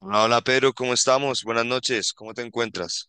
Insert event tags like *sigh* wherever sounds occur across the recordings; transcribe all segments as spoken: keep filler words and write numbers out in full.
Hola Pedro, ¿cómo estamos? Buenas noches, ¿cómo te encuentras?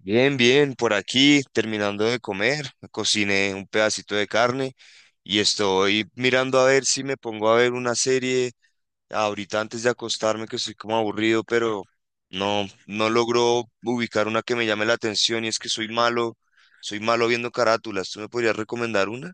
Bien, bien, por aquí terminando de comer, cociné un pedacito de carne y estoy mirando a ver si me pongo a ver una serie ahorita antes de acostarme que estoy como aburrido, pero no, no logro ubicar una que me llame la atención y es que soy malo, soy malo viendo carátulas. ¿Tú me podrías recomendar una?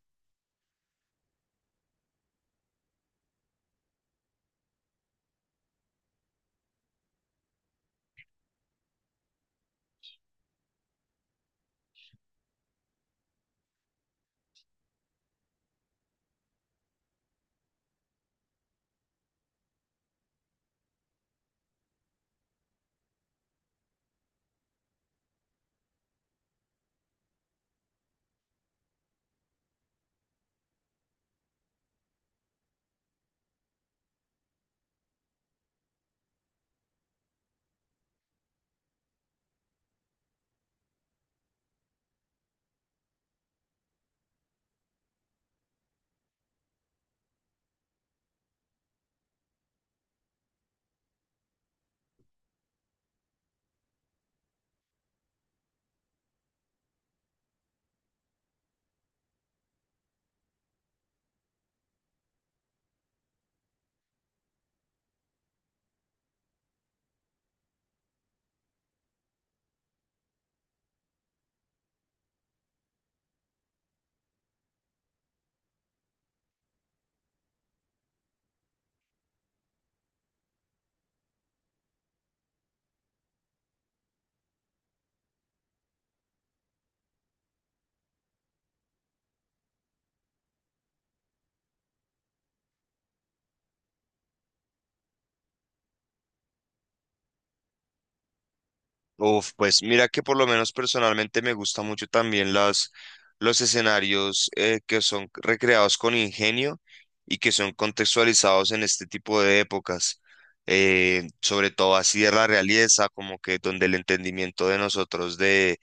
Uf, pues mira que por lo menos personalmente me gusta mucho también las, los escenarios eh, que son recreados con ingenio y que son contextualizados en este tipo de épocas, eh, sobre todo así de la realeza, como que donde el entendimiento de nosotros, de,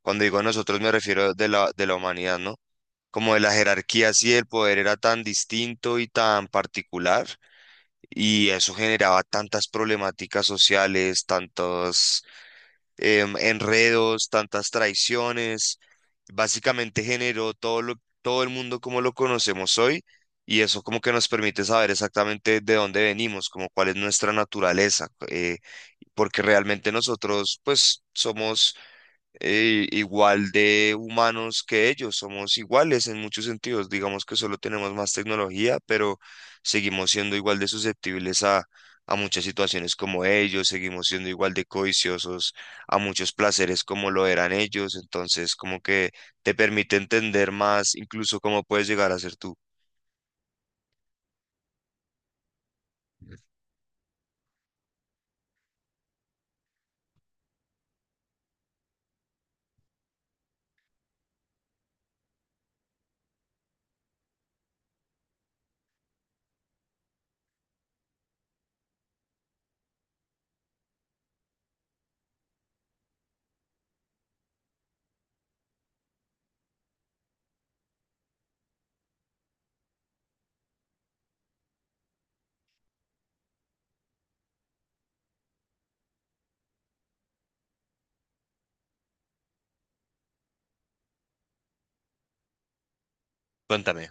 cuando digo nosotros me refiero de la, de la humanidad, ¿no? Como de la jerarquía, así el poder era tan distinto y tan particular, y eso generaba tantas problemáticas sociales, tantos em, enredos, tantas traiciones. Básicamente generó todo lo, todo el mundo como lo conocemos hoy, y eso como que nos permite saber exactamente de dónde venimos, como cuál es nuestra naturaleza, eh, porque realmente nosotros pues somos eh, igual de humanos que ellos, somos iguales en muchos sentidos, digamos que solo tenemos más tecnología, pero seguimos siendo igual de susceptibles a, a muchas situaciones como ellos, seguimos siendo igual de codiciosos a muchos placeres como lo eran ellos, entonces como que te permite entender más incluso cómo puedes llegar a ser tú. Cuéntame.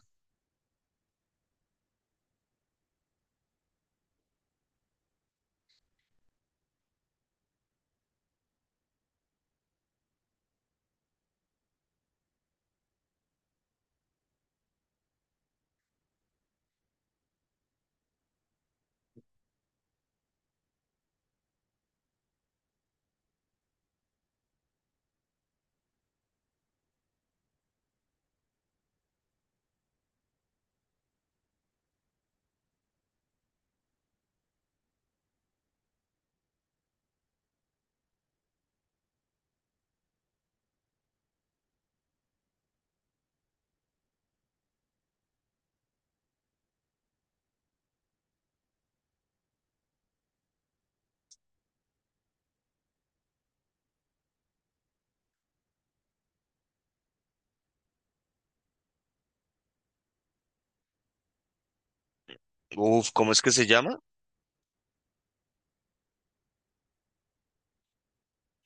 Uf, ¿cómo es que se llama?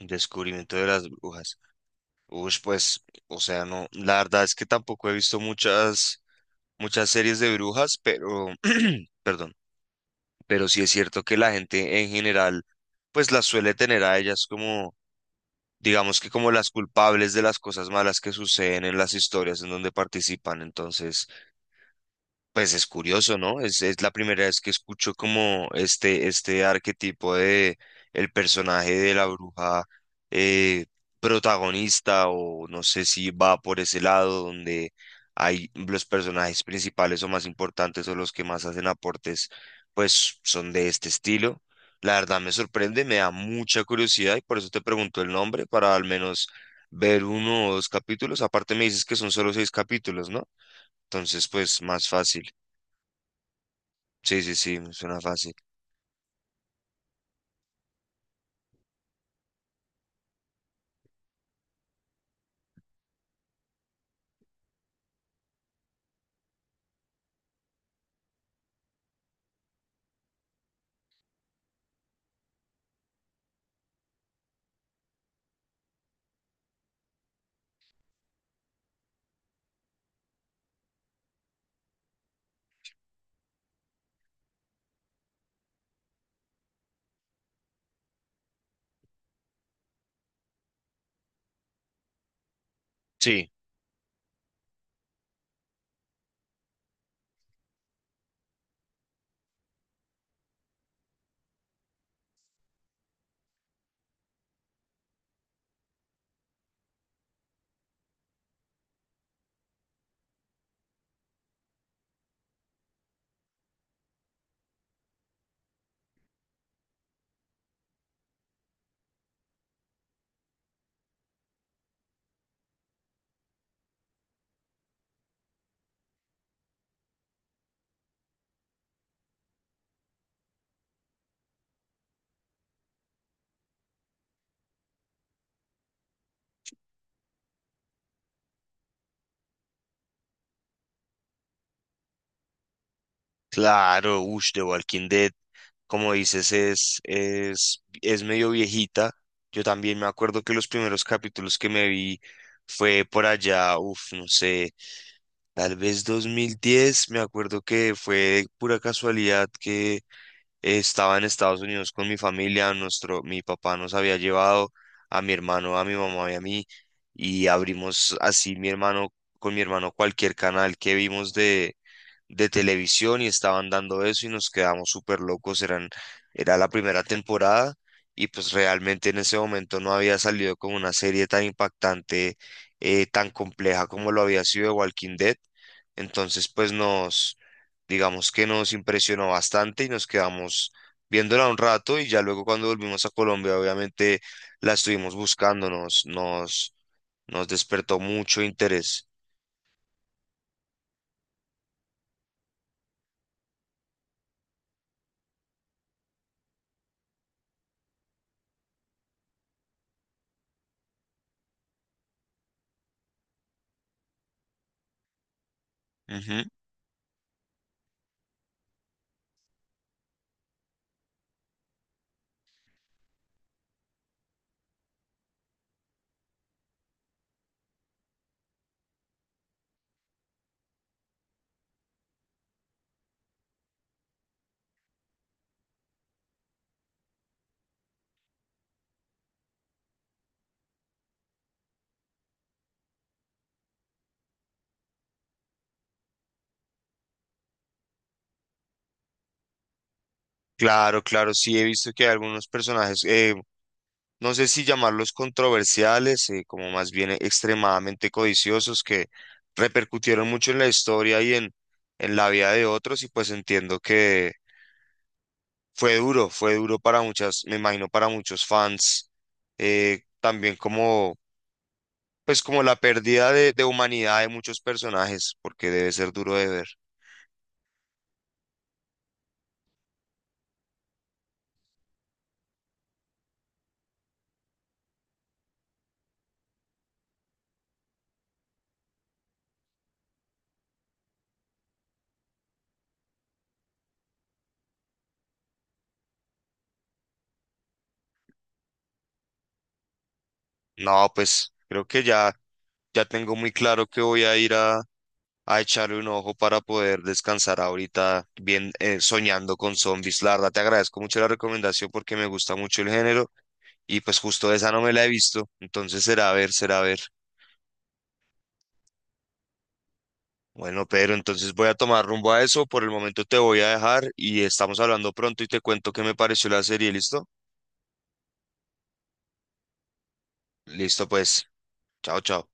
Descubrimiento de las brujas. Uf, pues, o sea, no, la verdad es que tampoco he visto muchas muchas series de brujas, pero, *clears throat* perdón, pero sí es cierto que la gente en general pues las suele tener a ellas como, digamos, que como las culpables de las cosas malas que suceden en las historias en donde participan. Entonces, pues es curioso, ¿no? Es, es la primera vez que escucho como este, este arquetipo de el personaje de la bruja eh, protagonista, o no sé si va por ese lado donde hay los personajes principales o más importantes o los que más hacen aportes, pues son de este estilo. La verdad me sorprende, me da mucha curiosidad y por eso te pregunto el nombre para al menos ver uno o dos capítulos. Aparte me dices que son solo seis capítulos, ¿no? Entonces, pues más fácil. Sí, sí, sí, me suena fácil. Sí, claro. Ush, The Walking Dead, como dices, es, es, es medio viejita. Yo también me acuerdo que los primeros capítulos que me vi fue por allá, uff, no sé, tal vez dos mil diez. Me acuerdo que fue pura casualidad que eh, estaba en Estados Unidos con mi familia, nuestro, mi papá nos había llevado a mi hermano, a mi mamá y a mí, y abrimos así mi hermano, con mi hermano cualquier canal que vimos de televisión y estaban dando eso y nos quedamos súper locos. Eran, era la primera temporada, y pues realmente en ese momento no había salido como una serie tan impactante, eh, tan compleja como lo había sido de Walking Dead. Entonces pues nos, digamos que nos impresionó bastante y nos quedamos viéndola un rato, y ya luego cuando volvimos a Colombia obviamente la estuvimos buscando, nos, nos, nos despertó mucho interés. Ujú. Claro, claro, sí he visto que hay algunos personajes, eh, no sé si llamarlos controversiales, eh, como más bien extremadamente codiciosos, que repercutieron mucho en la historia y en, en la vida de otros, y pues entiendo que fue duro, fue duro para muchas, me imagino para muchos fans, eh, también como, pues como la pérdida de, de humanidad de muchos personajes, porque debe ser duro de ver. No, pues creo que ya, ya tengo muy claro que voy a ir a a echarle un ojo para poder descansar ahorita bien, eh, soñando con zombies. La verdad, te agradezco mucho la recomendación porque me gusta mucho el género y pues justo esa no me la he visto. Entonces será a ver, será a ver. Bueno, Pedro, entonces voy a tomar rumbo a eso. Por el momento te voy a dejar y estamos hablando pronto y te cuento qué me pareció la serie. ¿Listo? Listo, pues. Chao, chao.